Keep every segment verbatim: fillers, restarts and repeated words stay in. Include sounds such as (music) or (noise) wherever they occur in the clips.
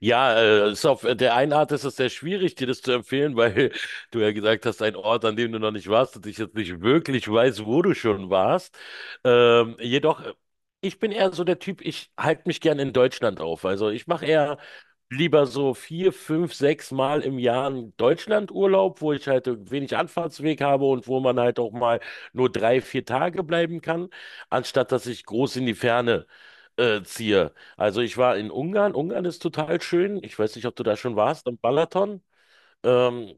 Ja, äh, ist auf äh, der einen Art ist es sehr schwierig, dir das zu empfehlen, (laughs) weil du ja gesagt hast, ein Ort, an dem du noch nicht warst und ich jetzt nicht wirklich weiß, wo du schon warst. Ähm, jedoch, äh, ich bin eher so der Typ, ich halte mich gern in Deutschland auf. Also ich mache eher lieber so vier, fünf, sechs Mal im Jahr einen Deutschlandurlaub, wo ich halt wenig Anfahrtsweg habe und wo man halt auch mal nur drei, vier Tage bleiben kann, anstatt dass ich groß in die Ferne äh, ziehe. Also ich war in Ungarn. Ungarn ist total schön. Ich weiß nicht, ob du da schon warst, am Balaton. Ähm,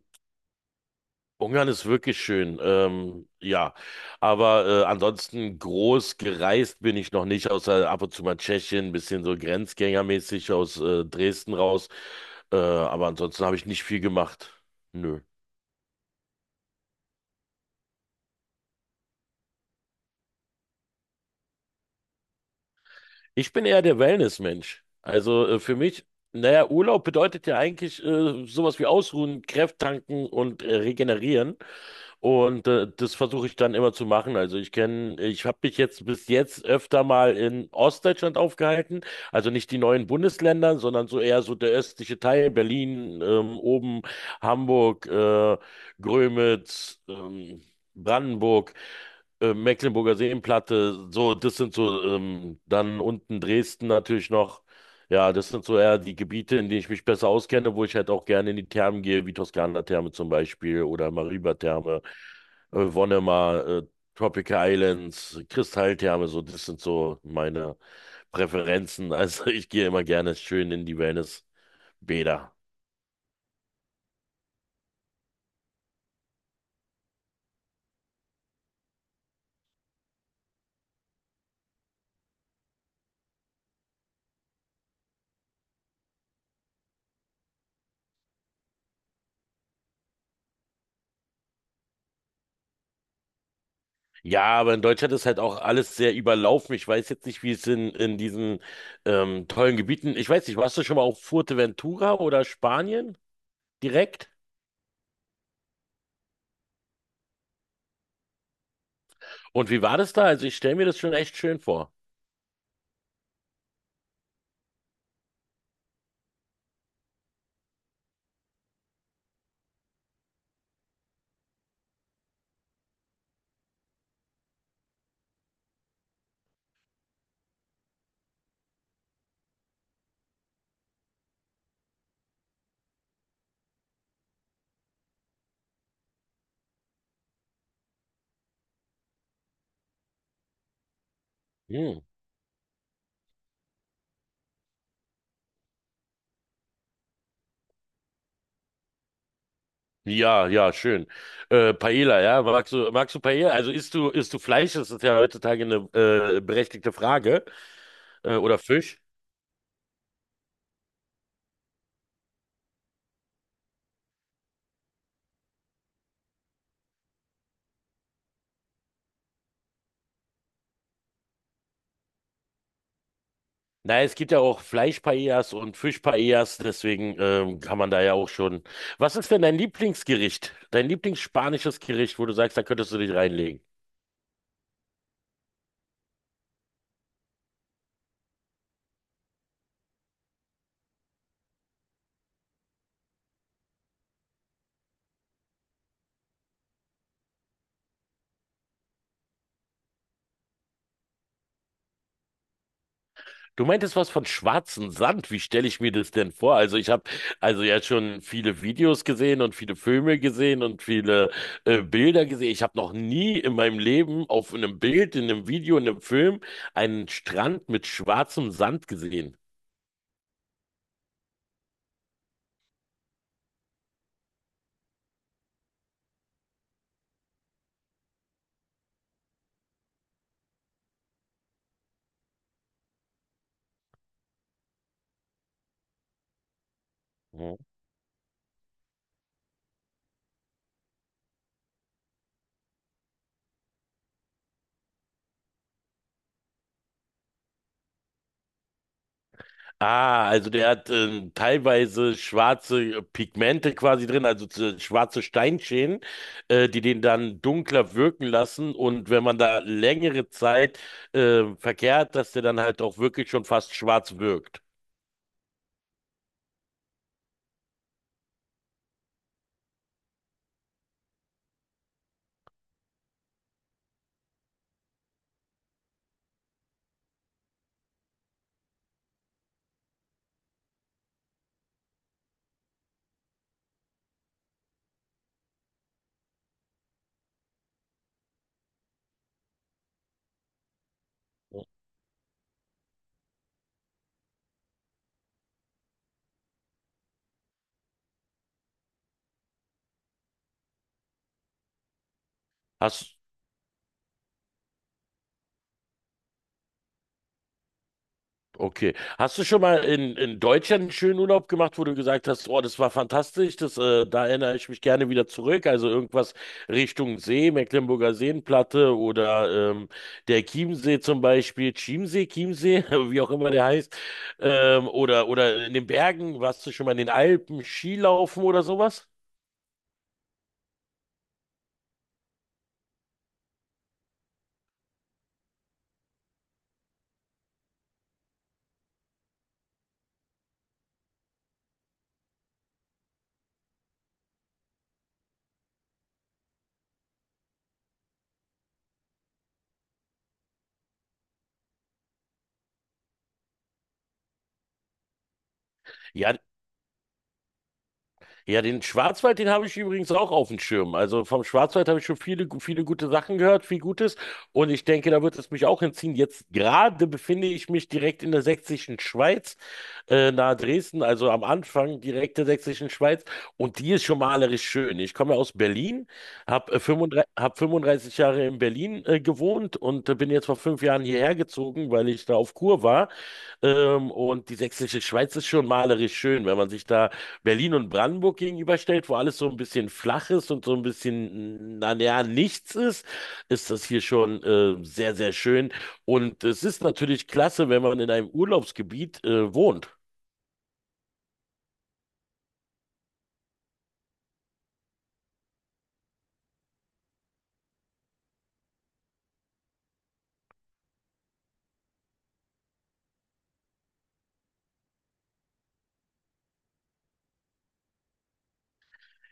Ungarn ist wirklich schön. Ähm, ja, aber äh, ansonsten groß gereist bin ich noch nicht, außer ab und zu mal Tschechien, ein bisschen so grenzgängermäßig aus äh, Dresden raus. Äh, aber ansonsten habe ich nicht viel gemacht. Nö. Ich bin eher der Wellness-Mensch. Also äh, für mich, naja, Urlaub bedeutet ja eigentlich äh, sowas wie ausruhen, Kräft tanken und äh, regenerieren. Und äh, das versuche ich dann immer zu machen. Also ich kenne, ich habe mich jetzt bis jetzt öfter mal in Ostdeutschland aufgehalten. Also nicht die neuen Bundesländer, sondern so eher so der östliche Teil, Berlin, ähm, oben Hamburg, äh, Grömitz, ähm, Brandenburg, äh, Mecklenburger Seenplatte. So, das sind so ähm, dann unten Dresden natürlich noch. Ja, das sind so eher die Gebiete, in denen ich mich besser auskenne, wo ich halt auch gerne in die Thermen gehe, wie Toskana-Therme zum Beispiel oder Mariba-Therme, äh, Wonnemar, äh, Tropical Islands, Kristalltherme, so, das sind so meine Präferenzen. (laughs) Also ich gehe immer gerne schön in die Wellnessbäder. Ja, aber in Deutschland ist halt auch alles sehr überlaufen. Ich weiß jetzt nicht, wie es in, in diesen ähm, tollen Gebieten. Ich weiß nicht, warst du schon mal auf Fuerteventura oder Spanien direkt? Und wie war das da? Also ich stelle mir das schon echt schön vor. Hm. Ja, ja, schön. Äh, Paella, ja, magst du, magst du Paella? Also isst du, isst du Fleisch? Das ist ja heutzutage eine äh, berechtigte Frage. Äh, oder Fisch? Naja, es gibt ja auch Fleisch-Paellas und Fisch-Paellas, deswegen ähm, kann man da ja auch schon. Was ist denn dein Lieblingsgericht? Dein Lieblingsspanisches Gericht, wo du sagst, da könntest du dich reinlegen? Du meintest was von schwarzem Sand. Wie stelle ich mir das denn vor? Also ich habe also ja schon viele Videos gesehen und viele Filme gesehen und viele äh, Bilder gesehen. Ich habe noch nie in meinem Leben auf einem Bild, in einem Video, in einem Film einen Strand mit schwarzem Sand gesehen. Ah, also der hat ähm, teilweise schwarze äh, Pigmente quasi drin, also zu- schwarze Steinschäden, äh, die den dann dunkler wirken lassen. Und wenn man da längere Zeit äh, verkehrt, dass der dann halt auch wirklich schon fast schwarz wirkt. Hast, Okay. Hast du schon mal in, in Deutschland einen schönen Urlaub gemacht, wo du gesagt hast, oh, das war fantastisch, das, äh, da erinnere ich mich gerne wieder zurück. Also irgendwas Richtung See, Mecklenburger Seenplatte oder ähm, der Chiemsee zum Beispiel, Chiemsee, Chiemsee, (laughs) wie auch immer der heißt, ähm, oder, oder in den Bergen, warst du schon mal in den Alpen, Skilaufen oder sowas? Ja, ja, den Schwarzwald, den habe ich übrigens auch auf dem Schirm. Also vom Schwarzwald habe ich schon viele, gu- viele gute Sachen gehört, viel Gutes. Und ich denke, da wird es mich auch hinziehen. Jetzt gerade befinde ich mich direkt in der sächsischen Schweiz, äh, nahe Dresden, also am Anfang direkt der sächsischen Schweiz. Und die ist schon malerisch schön. Ich komme ja aus Berlin, habe fünfunddreißig, hab fünfunddreißig Jahre in Berlin, äh, gewohnt und äh, bin jetzt vor fünf Jahren hierher gezogen, weil ich da auf Kur war. Ähm, und die sächsische Schweiz ist schon malerisch schön, wenn man sich da Berlin und Brandenburg gegenüberstellt, wo alles so ein bisschen flach ist und so ein bisschen, na ja, nichts ist, ist das hier schon äh, sehr, sehr schön. Und es ist natürlich klasse, wenn man in einem Urlaubsgebiet äh, wohnt.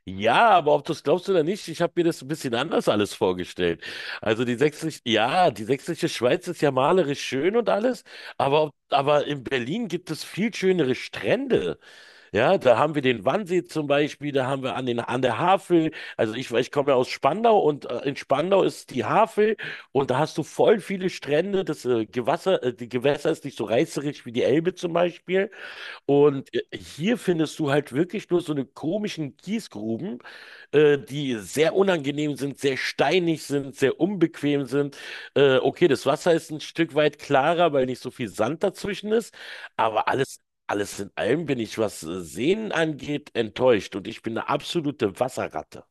Ja, aber ob du es glaubst oder nicht, ich habe mir das ein bisschen anders alles vorgestellt. Also die sächsische, ja, die sächsische Schweiz ist ja malerisch schön und alles, aber, ob- aber in Berlin gibt es viel schönere Strände. Ja, da haben wir den Wannsee zum Beispiel, da haben wir an den, an der Havel. Also ich, ich komme ja aus Spandau und äh, in Spandau ist die Havel und da hast du voll viele Strände. Das äh, Gewässer, äh, die Gewässer ist nicht so reißerisch wie die Elbe zum Beispiel. Und äh, hier findest du halt wirklich nur so eine komischen Kiesgruben, äh, die sehr unangenehm sind, sehr steinig sind, sehr unbequem sind. Äh, okay, das Wasser ist ein Stück weit klarer, weil nicht so viel Sand dazwischen ist, aber alles, alles in allem bin ich, was äh, Seen angeht, enttäuscht und ich bin eine absolute Wasserratte.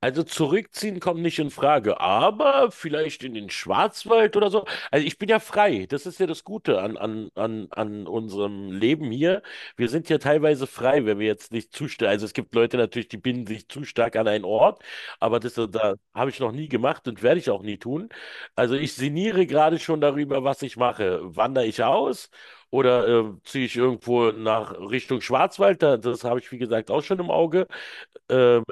Also zurückziehen kommt nicht in Frage, aber vielleicht in den Schwarzwald oder so. Also ich bin ja frei. Das ist ja das Gute an, an, an, an unserem Leben hier. Wir sind ja teilweise frei, wenn wir jetzt nicht zu stark. Also es gibt Leute natürlich, die binden sich zu stark an einen Ort, aber das, äh, da habe ich noch nie gemacht und werde ich auch nie tun. Also ich sinniere gerade schon darüber, was ich mache. Wandere ich aus oder äh, ziehe ich irgendwo nach Richtung Schwarzwald? Da, das habe ich, wie gesagt, auch schon im Auge. Ähm,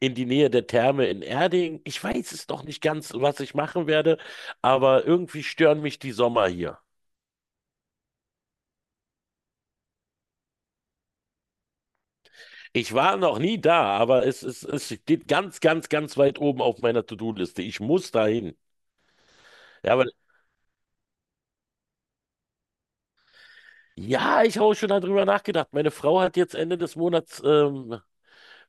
in die Nähe der Therme in Erding. Ich weiß es noch nicht ganz, was ich machen werde, aber irgendwie stören mich die Sommer hier. Ich war noch nie da, aber es, es, es steht ganz, ganz, ganz weit oben auf meiner To-Do-Liste. Ich muss dahin. Ja, aber ja, ich habe auch schon darüber nachgedacht. Meine Frau hat jetzt Ende des Monats ähm,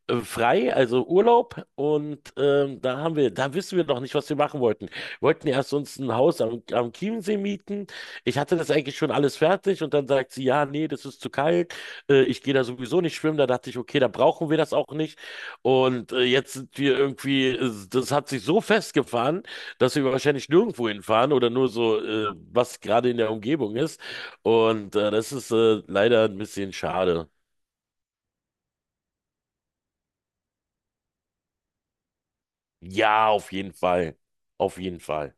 äh, frei, also Urlaub. Und ähm, da haben wir, da wissen wir noch nicht, was wir machen wollten. Wir wollten erst uns ein Haus am, am Chiemsee mieten. Ich hatte das eigentlich schon alles fertig und dann sagt sie, ja, nee, das ist zu kalt. Äh, ich gehe da sowieso nicht schwimmen. Da dachte ich, okay, da brauchen wir das auch nicht. Und äh, jetzt sind wir irgendwie, äh, das hat sich so festgefahren, dass wir wahrscheinlich nirgendwo hinfahren oder nur so, äh, was gerade in der Umgebung ist. Und äh, das ist äh, leider ein bisschen schade. Ja, auf jeden Fall. Auf jeden Fall.